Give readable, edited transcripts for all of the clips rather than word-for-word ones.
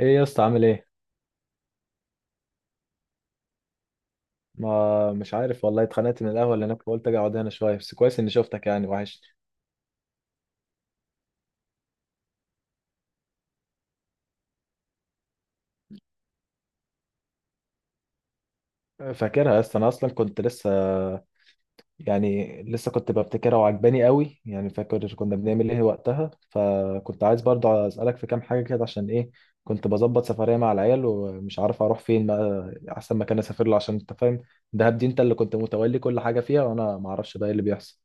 ايه يا اسطى، عامل ايه؟ ما مش عارف والله، اتخنقت من القهوه اللي هناك فقلت اجي اقعد هنا شويه. بس كويس اني شفتك، يعني وحشني. فاكرها يا اسطى، انا اصلا كنت لسه يعني لسه كنت ببتكرها وعجباني قوي. يعني فاكر كنا بنعمل ايه وقتها، فكنت عايز برضه اسالك في كام حاجه كده. عشان ايه؟ كنت بظبط سفريه مع العيال ومش عارف اروح فين بقى، احسن مكان اسافر له. عشان انت فاهم دهب دي انت اللي كنت متولي كل حاجه فيها، وانا ما اعرفش بقى ايه اللي بيحصل.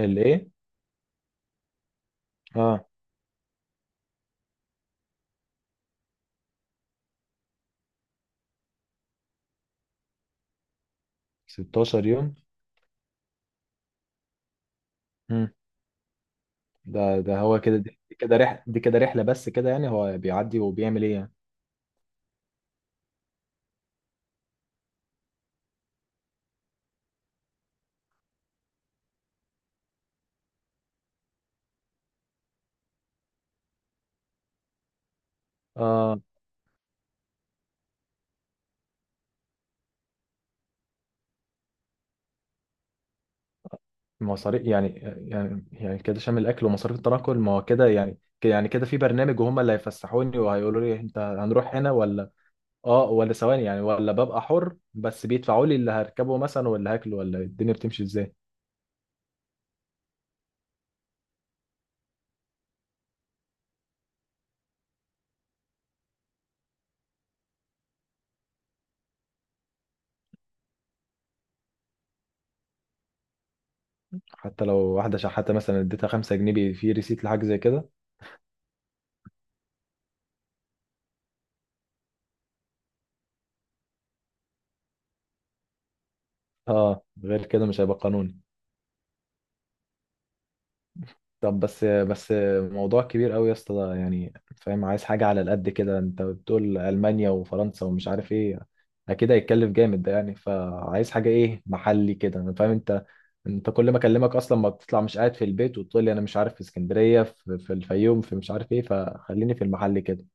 اللي ايه؟ اه. 16 يوم؟ ده هو كده، دي كده رحلة، دي كده رحلة بس كده، يعني هو بيعدي وبيعمل ايه يعني؟ اه. مصاريف يعني كده شامل الاكل ومصاريف التنقل، ما هو كده يعني كده يعني كده في برنامج، وهم اللي هيفسحوني وهيقولوا لي انت هنروح هنا ولا. اه، ولا ثواني يعني، ولا ببقى حر بس بيدفعوا لي اللي هركبه مثلا ولا هاكله، ولا الدنيا بتمشي ازاي؟ حتى لو واحدة شحاتة مثلا اديتها 5 جنيه، في ريسيت لحاجة زي كده؟ اه، غير كده مش هيبقى قانوني؟ طب، بس موضوع كبير قوي يا اسطى ده يعني، فاهم؟ عايز حاجة على القد كده. انت بتقول ألمانيا وفرنسا ومش عارف ايه، اكيد هيتكلف جامد ده يعني، فعايز حاجة ايه، محلي كده. انا فاهم انت، انت كل ما اكلمك اصلا ما بتطلع، مش قاعد في البيت وتقول لي انا مش عارف في اسكندرية، في الفيوم، في مش عارف ايه، فخليني في المحل كده.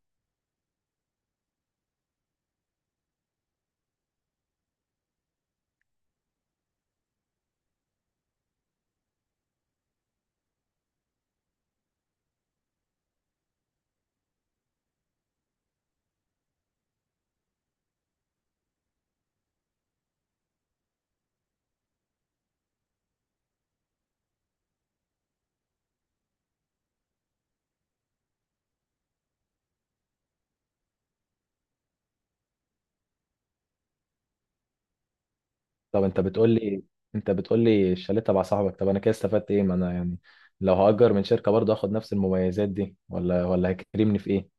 طب، انت بتقول لي الشاليه تبع صاحبك، طب انا كده استفدت ايه؟ ما انا يعني لو هأجر من شركة برضه هاخد نفس المميزات دي، ولا هيكرمني في ايه؟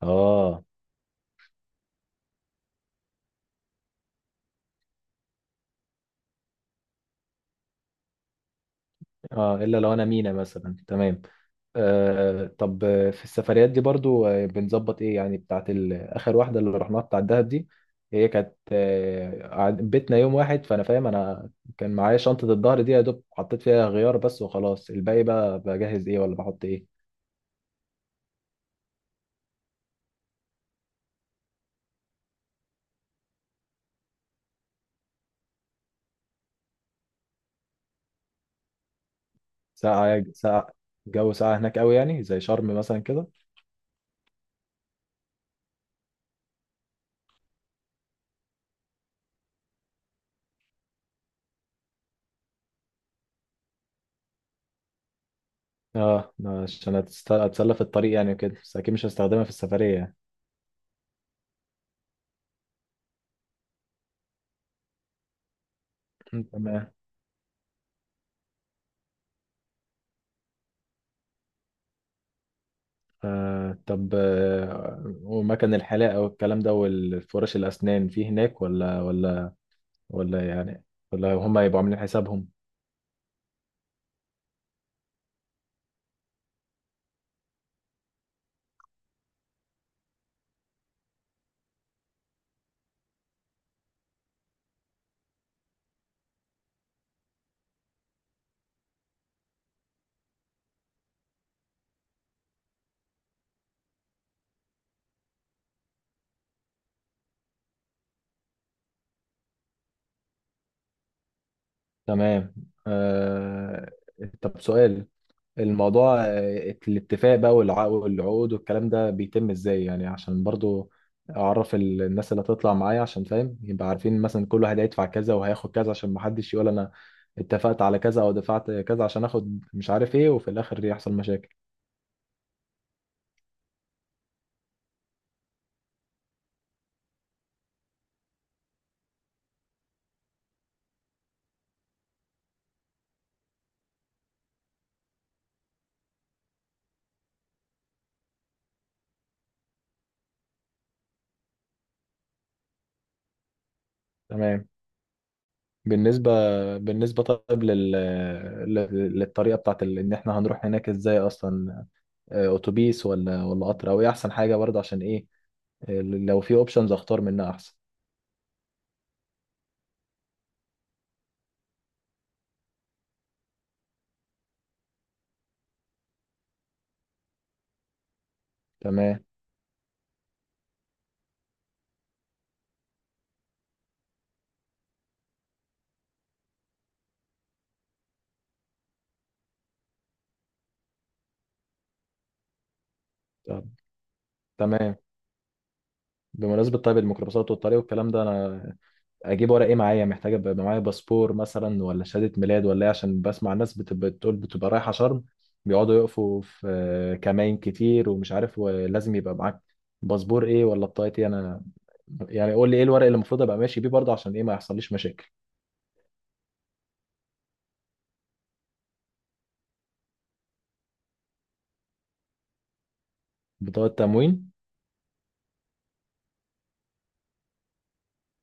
اه. اه، الا لو انا مينا مثلا، تمام. طب، في السفريات دي برضو، بنظبط ايه يعني، بتاعت اخر واحده اللي رحناها بتاع الدهب دي؟ هي كانت بيتنا يوم واحد، فانا فاهم انا كان معايا شنطه الظهر دي، يا دوب حطيت فيها غيار بس وخلاص. الباقي بقى بجهز ايه ولا بحط ايه؟ ساعه؟ ساعه؟ جو ساعه هناك قوي يعني، زي شرم مثلا كده؟ اه، عشان اتسلى في الطريق يعني وكده، بس اكيد مش هستخدمها في السفريه يعني. تمام. طب، ومكان الحلاقة والكلام ده، والفرش الأسنان في هناك ولا، ولا يعني، ولا هما يبقوا عاملين حسابهم؟ تمام. آه طب، سؤال. الموضوع الاتفاق بقى، والعقود والكلام ده بيتم ازاي يعني؟ عشان برضو أعرف الناس اللي هتطلع معايا، عشان فاهم، يبقى عارفين مثلا كل واحد هيدفع كذا وهياخد كذا، عشان محدش يقول أنا اتفقت على كذا أو دفعت كذا عشان آخد مش عارف إيه، وفي الآخر يحصل مشاكل. تمام. بالنسبة بالنسبة طيب للطريقة بتاعت إن إحنا هنروح هناك إزاي أصلا؟ أتوبيس ولا قطر أو إيه أحسن حاجة برضه؟ عشان إيه، لو في أوبشنز أختار منها أحسن. تمام. طب. تمام. بمناسبة طيب الميكروباصات والطريق والكلام ده، أنا أجيب ورق إيه معايا؟ محتاج أبقى معايا باسبور مثلا، ولا شهادة ميلاد، ولا إيه؟ عشان بسمع الناس بتبقى بتقول بتبقى رايحة شرم، بيقعدوا يقفوا في كمائن كتير ومش عارف، ولازم يبقى معاك باسبور إيه ولا بطاقة إيه. أنا يعني قول لي ايه الورق اللي المفروض ابقى ماشي بيه برضه، عشان ايه ما يحصليش مشاكل. بطاقة تموين؟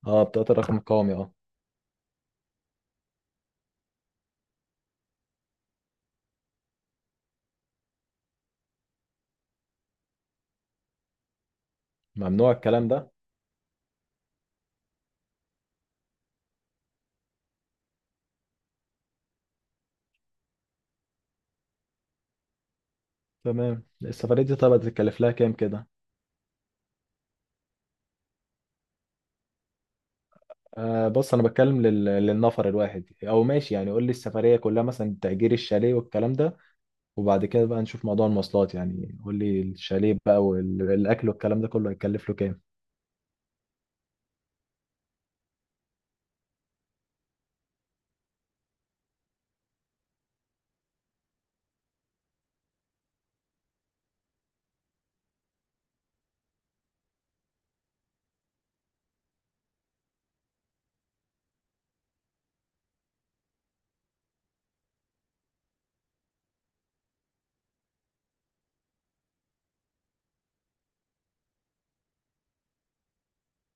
اه، بطاقة الرقم القومي. اه. ممنوع الكلام ده؟ تمام. السفرية دي طب هتتكلف لها كام كده؟ آه، بص انا بتكلم للنفر الواحد، او ماشي يعني قول لي السفرية كلها، مثلا تأجير الشاليه والكلام ده، وبعد كده بقى نشوف موضوع المواصلات. يعني قول لي الشاليه بقى والاكل والكلام ده كله هيكلف له كام؟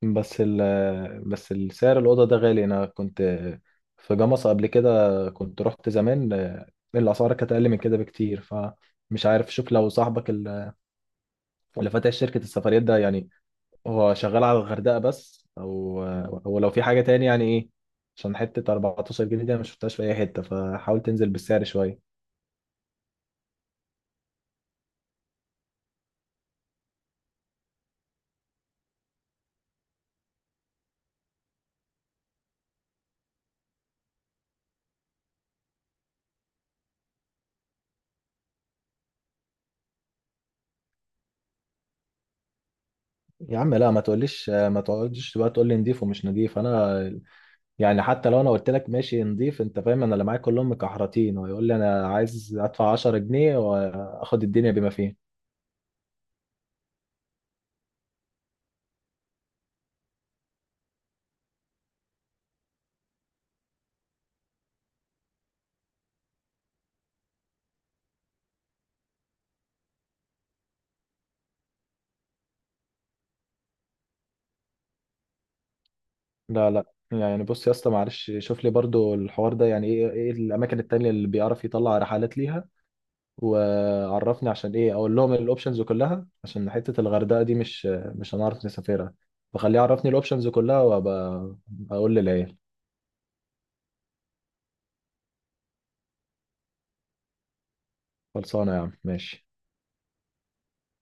بس ال بس السعر الأوضة ده غالي، أنا كنت في جمصة قبل كده، كنت رحت زمان، الأسعار كانت أقل من كده بكتير، فمش عارف. شوف لو صاحبك اللي فاتح شركة السفريات ده يعني، هو شغال على الغردقة بس، أو لو في حاجة تاني يعني إيه، عشان حتة 14 جنيه دي أنا مشفتهاش في أي حتة، فحاول تنزل بالسعر شوية. يا عم لا، ما تقوليش ما تقعدش بقى تقول لي نضيف ومش نضيف. أنا يعني حتى لو انا قلت لك ماشي نضيف، انت فاهم انا اللي معايا كلهم مكحرتين ويقول لي انا عايز ادفع 10 جنيه واخد الدنيا بما فيه. لا، لا، يعني بص يا اسطى معلش، شوف لي برضو الحوار ده يعني، ايه الاماكن التانية اللي بيعرف يطلع رحلات ليها، وعرفني عشان ايه، اقول لهم الاوبشنز كلها، عشان حتة الغردقة دي مش هنعرف نسافرها، فخليه يعرفني الاوبشنز كلها، وابقى اقول للعيال. خلصانة يا عم، ماشي.